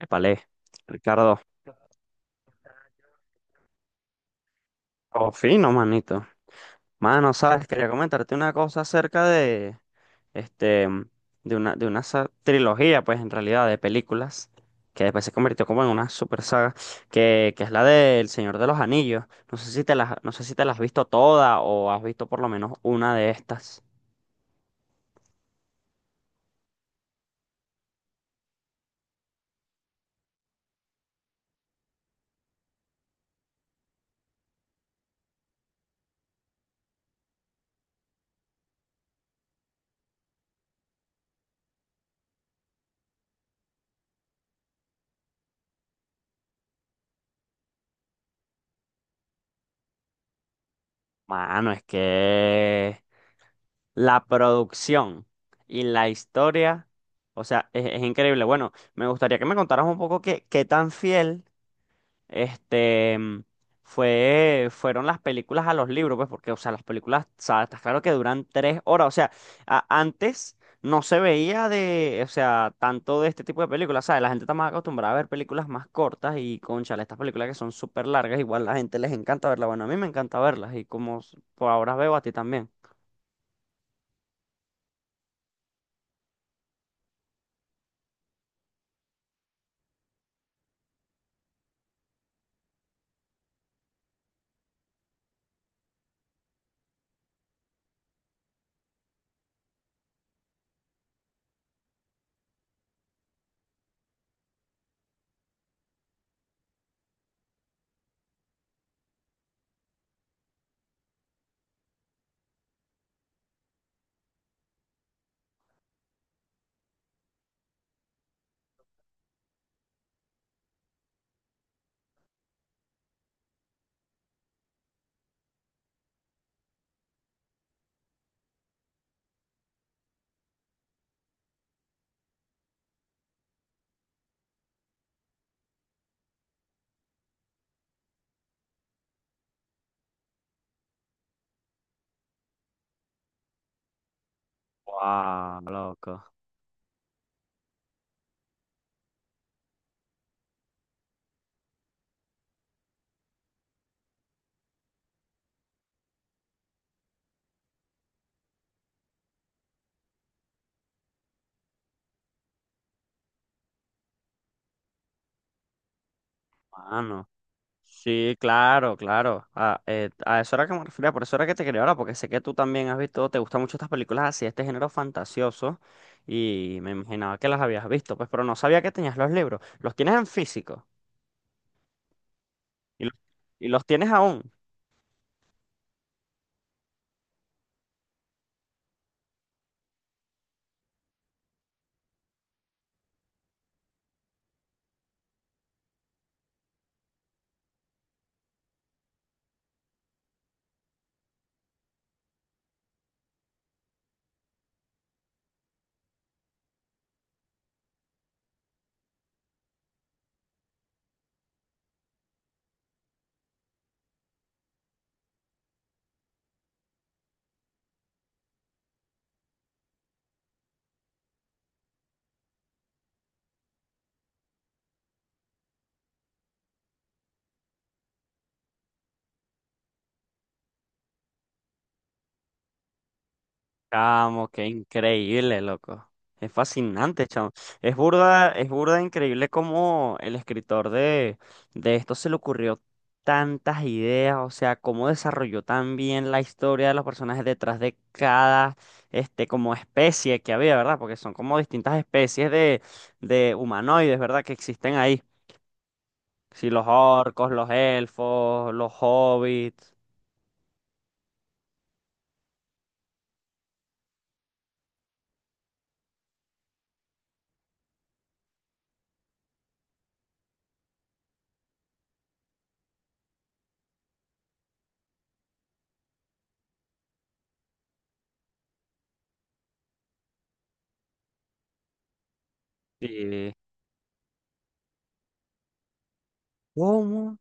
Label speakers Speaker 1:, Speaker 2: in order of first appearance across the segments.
Speaker 1: Épale, Ricardo, oh, fino, manito. Mano, sabes, quería comentarte una cosa acerca de, este, de una trilogía, pues, en realidad, de películas, que después se convirtió como en una super saga, que es la del Señor de los Anillos. No sé si te las has visto todas o has visto por lo menos una de estas. Mano, es que la producción y la historia, o sea, es increíble. Bueno, me gustaría que me contaras un poco qué tan fiel este mm, fueron las películas a los libros, pues, porque, o sea, las películas, o sea, está claro que duran 3 horas. O sea, antes no se veía o sea, tanto de este tipo de películas. ¿Sabes? La gente está más acostumbrada a ver películas más cortas y, cónchale, estas películas que son súper largas, igual la gente les encanta verlas. Bueno, a mí me encanta verlas y como por ahora veo a ti también. Wow, loco. Mano. Sí, claro, claro. A eso era que me refería, por eso era que te quería hablar, porque sé que tú también has visto, te gustan mucho estas películas así, este género fantasioso, y me imaginaba que las habías visto, pues, pero no sabía que tenías los libros. ¿Los tienes en físico y los, y los tienes aún? Chamo, qué increíble, loco. Es fascinante, chamo. Es burda increíble cómo el escritor de esto se le ocurrió tantas ideas, o sea, cómo desarrolló tan bien la historia de los personajes detrás de cada, como especie que había, ¿verdad? Porque son como distintas especies de humanoides, ¿verdad? Que existen ahí. Sí, los orcos, los elfos, los hobbits. Sí. ¿Cómo?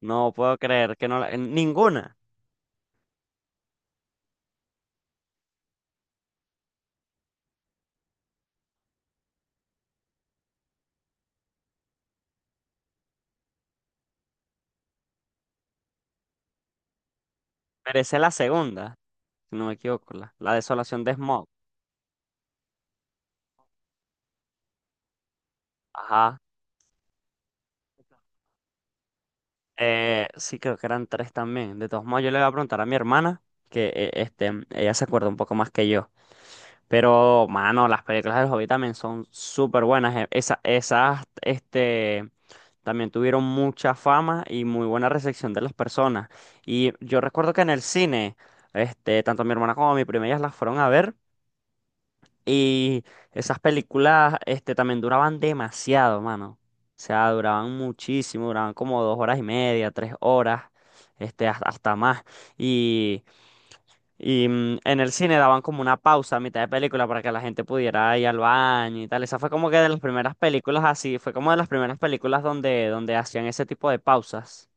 Speaker 1: No puedo creer que no la- en ninguna. Pero esa es la segunda, si no me equivoco, la desolación de Smaug. Ajá. Sí, creo que eran tres también. De todos modos, yo le voy a preguntar a mi hermana, que ella se acuerda un poco más que yo. Pero, mano, las películas del Hobbit también son súper buenas. También tuvieron mucha fama y muy buena recepción de las personas. Y yo recuerdo que en el cine, tanto mi hermana como mi prima, ellas las fueron a ver. Y esas películas, también duraban demasiado, mano. O sea, duraban muchísimo, duraban como 2 horas y media, 3 horas, hasta más. Y, en el cine daban como una pausa a mitad de película para que la gente pudiera ir al baño y tal. Esa fue como que de las primeras películas así, fue como de las primeras películas donde hacían ese tipo de pausas.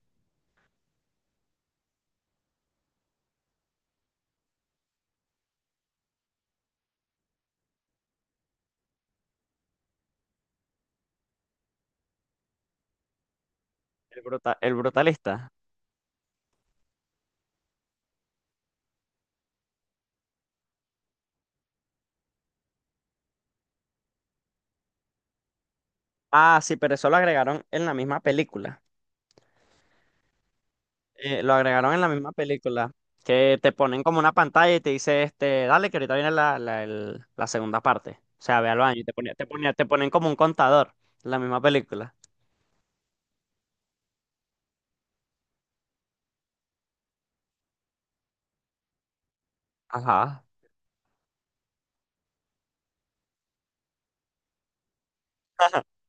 Speaker 1: El brutalista. Ah, sí, pero eso lo agregaron en la misma película. Eh, lo agregaron en la misma película, que te ponen como una pantalla y te dice, este, dale, que ahorita viene la segunda parte. O sea, ve al baño y te ponen como un contador en la misma película. Ajá.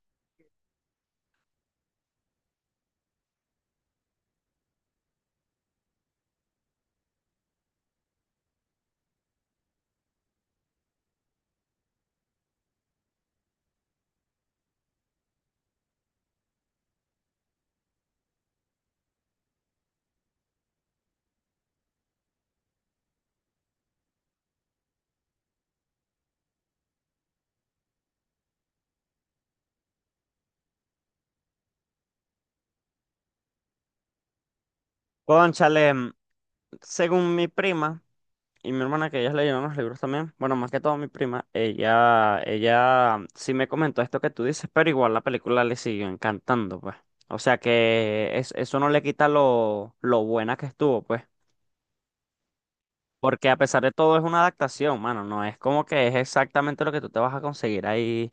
Speaker 1: Cónchale, según mi prima y mi hermana, que ellas leyeron los libros también, bueno, más que todo mi prima, ella sí me comentó esto que tú dices, pero igual la película le siguió encantando, pues. O sea que eso no le quita lo buena que estuvo, pues. Porque a pesar de todo es una adaptación, mano, no es como que es exactamente lo que tú te vas a conseguir ahí,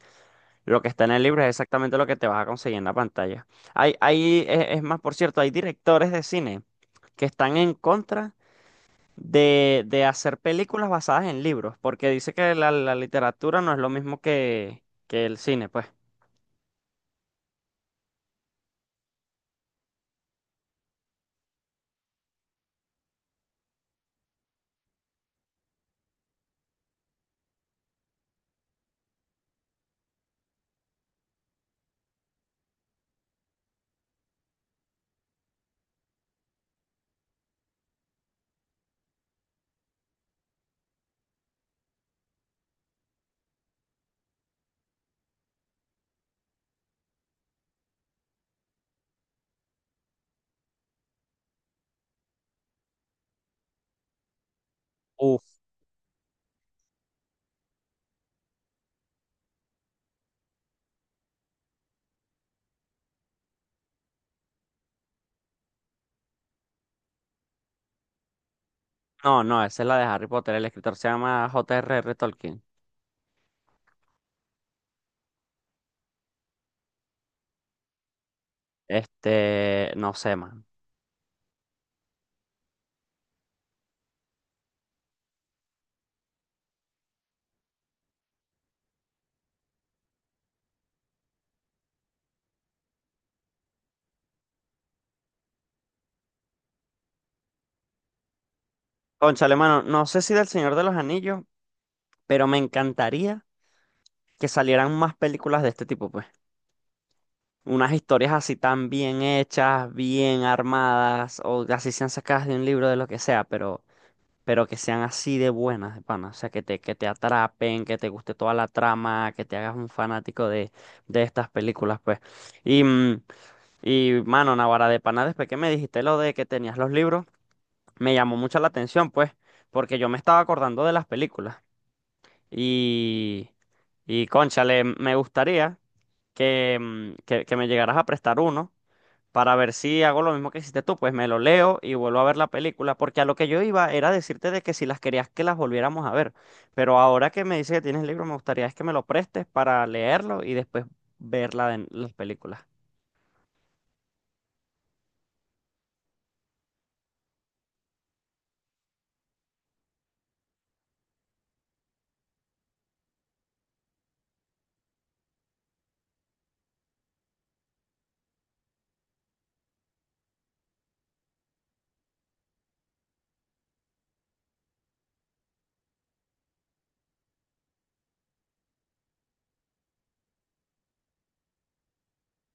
Speaker 1: lo que está en el libro es exactamente lo que te vas a conseguir en la pantalla. Hay, es más, por cierto, hay directores de cine que están en contra de hacer películas basadas en libros, porque dice que la literatura no es lo mismo que el cine, pues. Uf, no, no, esa es la de Harry Potter, el escritor se llama J. R. R. Tolkien. No sé, man. Cónchale, mano, no sé si del Señor de los Anillos, pero me encantaría que salieran más películas de este tipo, pues. Unas historias así tan bien hechas, bien armadas, o así sean sacadas de un libro de lo que sea, pero que sean así de buenas, de pana. O sea, que te atrapen, que te guste toda la trama, que te hagas un fanático de estas películas, pues. Y, mm, y mano, Navarra de pana, después que me dijiste lo de que tenías los libros, me llamó mucho la atención, pues, porque yo me estaba acordando de las películas. Y, y cónchale, me gustaría que me llegaras a prestar uno para ver si hago lo mismo que hiciste tú, pues me lo leo y vuelvo a ver la película, porque a lo que yo iba era decirte de que si las querías que las volviéramos a ver, pero ahora que me dices que tienes el libro, me gustaría es que me lo prestes para leerlo y después ver la de las películas.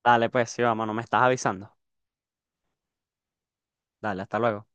Speaker 1: Dale, pues sí, vamos, no me estás avisando. Dale, hasta luego.